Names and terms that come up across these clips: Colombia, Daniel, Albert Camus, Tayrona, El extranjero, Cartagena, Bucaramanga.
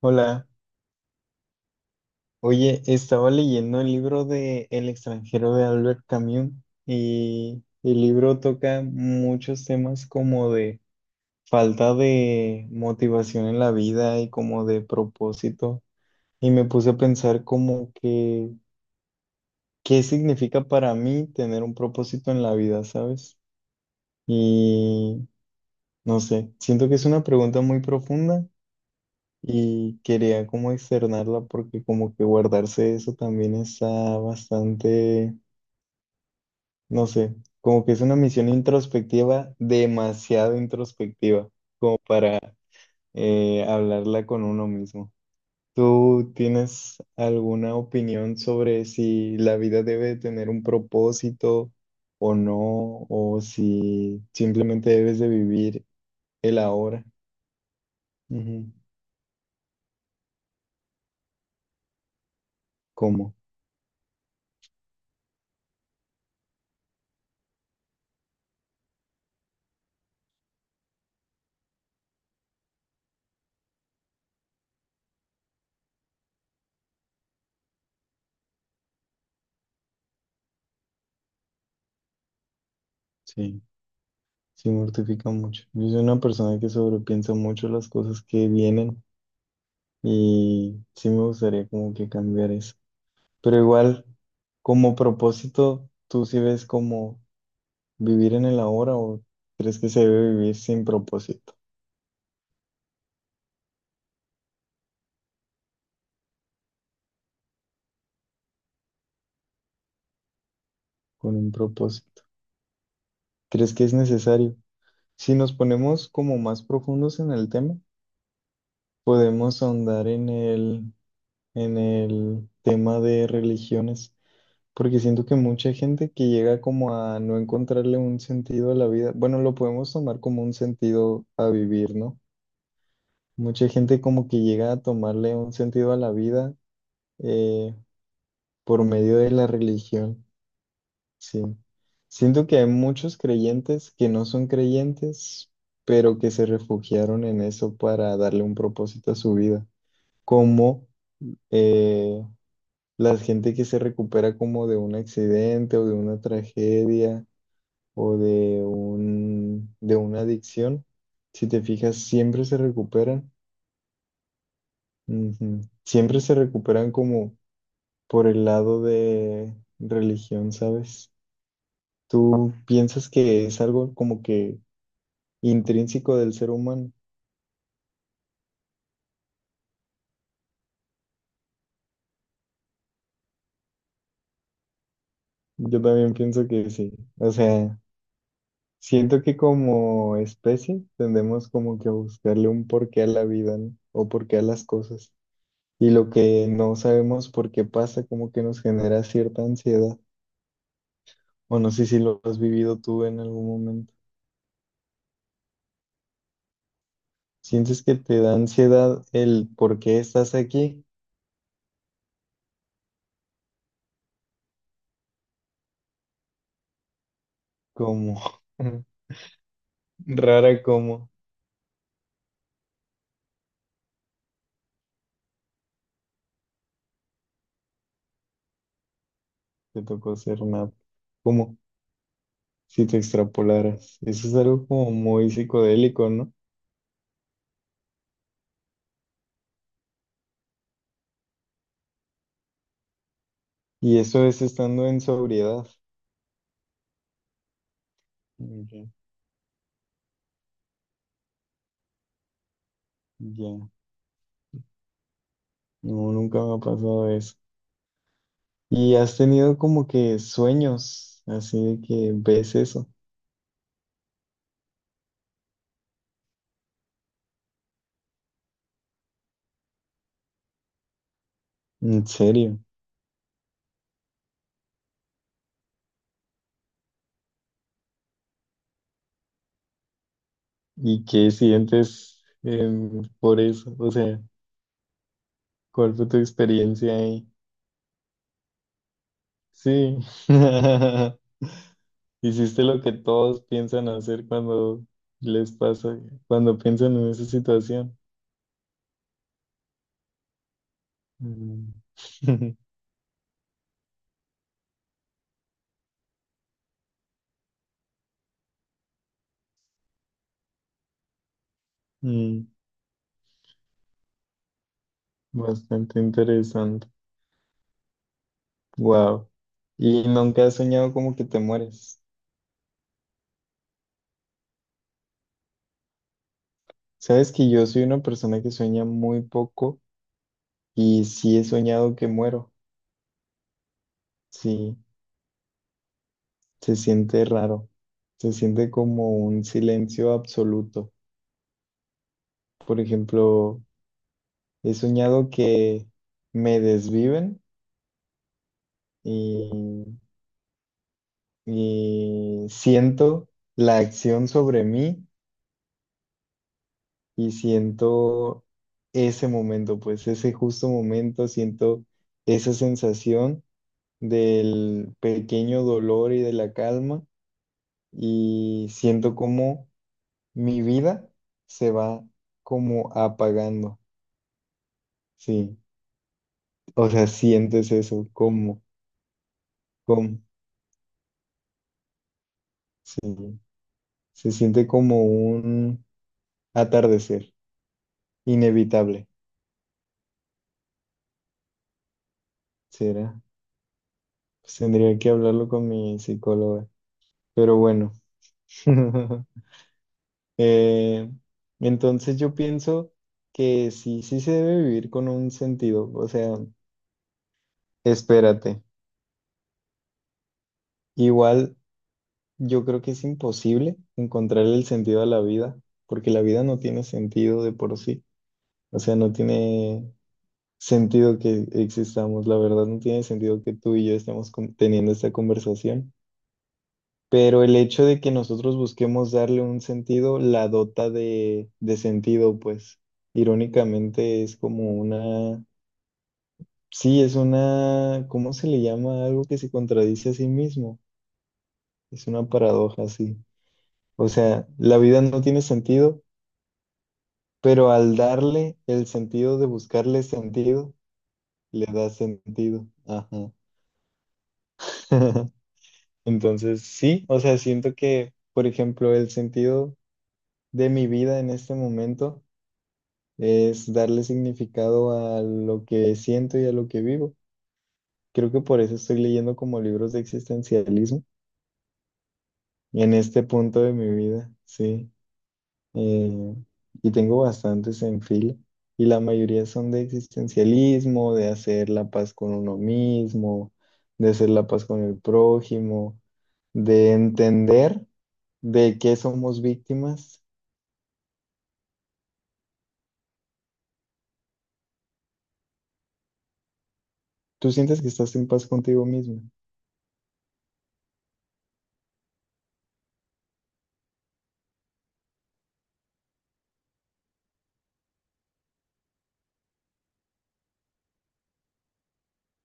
Hola, oye, estaba leyendo el libro de El extranjero de Albert Camus y el libro toca muchos temas como de falta de motivación en la vida y como de propósito y me puse a pensar como que qué significa para mí tener un propósito en la vida, ¿sabes? Y no sé, siento que es una pregunta muy profunda. Y quería como externarla porque como que guardarse eso también está bastante, no sé, como que es una misión introspectiva, demasiado introspectiva, como para hablarla con uno mismo. ¿Tú tienes alguna opinión sobre si la vida debe tener un propósito o no, o si simplemente debes de vivir el ahora? Ujú. ¿Cómo? Sí. Sí, mortifica mucho. Yo soy una persona que sobrepiensa mucho las cosas que vienen y sí me gustaría como que cambiar eso. Pero igual, como propósito, ¿tú sí ves como vivir en el ahora o crees que se debe vivir sin propósito, con un propósito? ¿Crees que es necesario? Si nos ponemos como más profundos en el tema, podemos ahondar en el tema de religiones. Porque siento que mucha gente que llega como a no encontrarle un sentido a la vida, bueno, lo podemos tomar como un sentido a vivir, ¿no? Mucha gente como que llega a tomarle un sentido a la vida eh, por medio de la religión, sí. Siento que hay muchos creyentes que no son creyentes, pero que se refugiaron en eso para darle un propósito a su vida, como eh, la gente que se recupera como de un accidente o de una tragedia o de de una adicción, si te fijas, siempre se recuperan. Ujú. Siempre se recuperan como por el lado de religión, ¿sabes? Tú piensas que es algo como que intrínseco del ser humano. Yo también pienso que sí. O sea, siento que como especie tendemos como que a buscarle un porqué a la vida, ¿no? O porqué a las cosas. Y lo que no sabemos por qué pasa, como que nos genera cierta ansiedad. O no sé si lo has vivido tú en algún momento. ¿Sientes que te da ansiedad el por qué estás aquí? Como rara como te tocó ser nada, como si te extrapolaras. Eso es algo como muy psicodélico, ¿no? Y eso es estando en sobriedad. Ok. Ya. No, nunca me ha pasado eso. ¿Y has tenido como que sueños, así de que ves eso? ¿En serio? ¿Y qué sientes por eso? O sea... ¿Cuál fue tu experiencia ahí? Sí, hiciste lo que todos piensan hacer cuando les pasa, cuando piensan en esa situación. Mm. Mm. Bastante interesante. Wow. ¿Y nunca has soñado como que te mueres? Sabes que yo soy una persona que sueña muy poco y sí he soñado que muero. Sí, se siente raro. Se siente como un silencio absoluto. Por ejemplo, he soñado que me desviven y, y siento la acción sobre mí y siento ese momento, pues ese justo momento, siento esa sensación del pequeño dolor y de la calma y siento como mi vida se va como apagando, sí, o sea, sientes eso, como, sí, se siente como un atardecer, inevitable, será. Pues tendría que hablarlo con mi psicóloga, pero bueno. Eh, entonces yo pienso que sí, sí se debe vivir con un sentido, o sea, espérate. Igual yo creo que es imposible encontrar el sentido a la vida, porque la vida no tiene sentido de por sí, o sea, no tiene sentido que existamos, la verdad no tiene sentido que tú y yo estemos teniendo esta conversación. Pero el hecho de que nosotros busquemos darle un sentido, la dota de sentido, pues irónicamente es como una, sí, es una, ¿cómo se le llama? Algo que se contradice a sí mismo. Es una paradoja, sí. O sea, la vida no tiene sentido, pero al darle el sentido de buscarle sentido, le da sentido. Ajá. Entonces, sí, o sea, siento que, por ejemplo, el sentido de mi vida en este momento es darle significado a lo que siento y a lo que vivo. Creo que por eso estoy leyendo como libros de existencialismo en este punto de mi vida, sí. Eh, y tengo bastantes en fila y la mayoría son de existencialismo, de hacer la paz con uno mismo, de hacer la paz con el prójimo, de entender de qué somos víctimas. Tú sientes que estás en paz contigo mismo,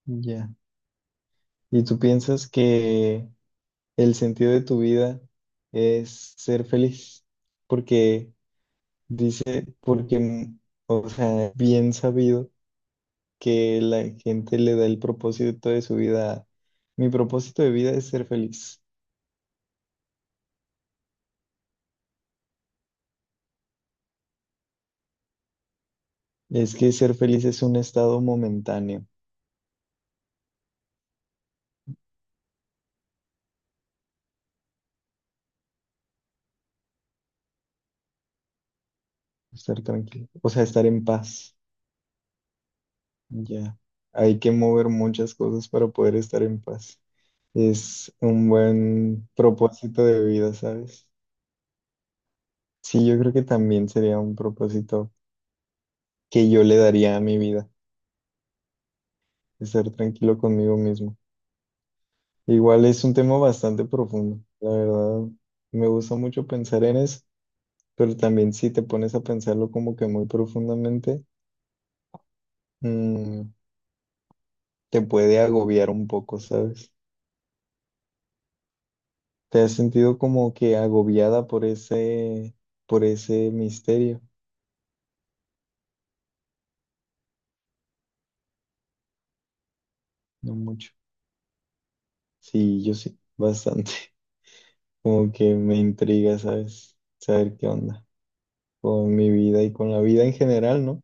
ya. Y tú piensas que el sentido de tu vida es ser feliz, porque dice, porque, o sea, bien sabido que la gente le da el propósito de su vida. A, mi propósito de vida es ser feliz. Es que ser feliz es un estado momentáneo, estar tranquilo, o sea, estar en paz. Ya, hay que mover muchas cosas para poder estar en paz. Es un buen propósito de vida, ¿sabes? Sí, yo creo que también sería un propósito que yo le daría a mi vida, estar tranquilo conmigo mismo. Igual es un tema bastante profundo, la verdad, me gusta mucho pensar en eso, pero también si te pones a pensarlo como que muy profundamente, mm, te puede agobiar un poco, ¿sabes? ¿Te has sentido como que agobiada por ese misterio? No mucho. Sí, yo sí, bastante. Como que me intriga, ¿sabes? Saber qué onda con mi vida y con la vida en general, ¿no?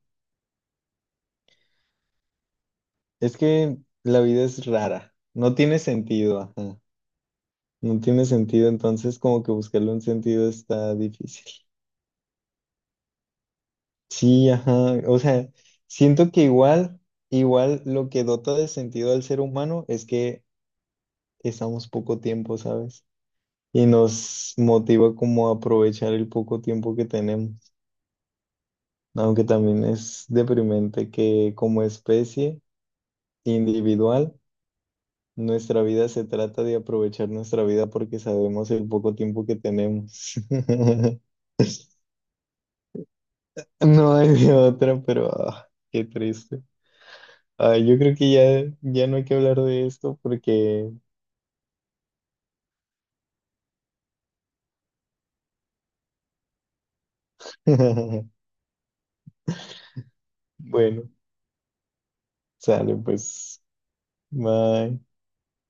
Es que la vida es rara, no tiene sentido, ajá. No tiene sentido, entonces como que buscarle un sentido está difícil. Sí, ajá. O sea, siento que igual, igual lo que dota de sentido al ser humano es que estamos poco tiempo, ¿sabes? Y nos motiva como a aprovechar el poco tiempo que tenemos. Aunque también es deprimente que como especie individual nuestra vida se trata de aprovechar nuestra vida porque sabemos el poco tiempo que tenemos. No hay de otra, pero ah, qué triste. Ay, yo creo que ya no hay que hablar de esto porque, bueno, sale pues. Bye.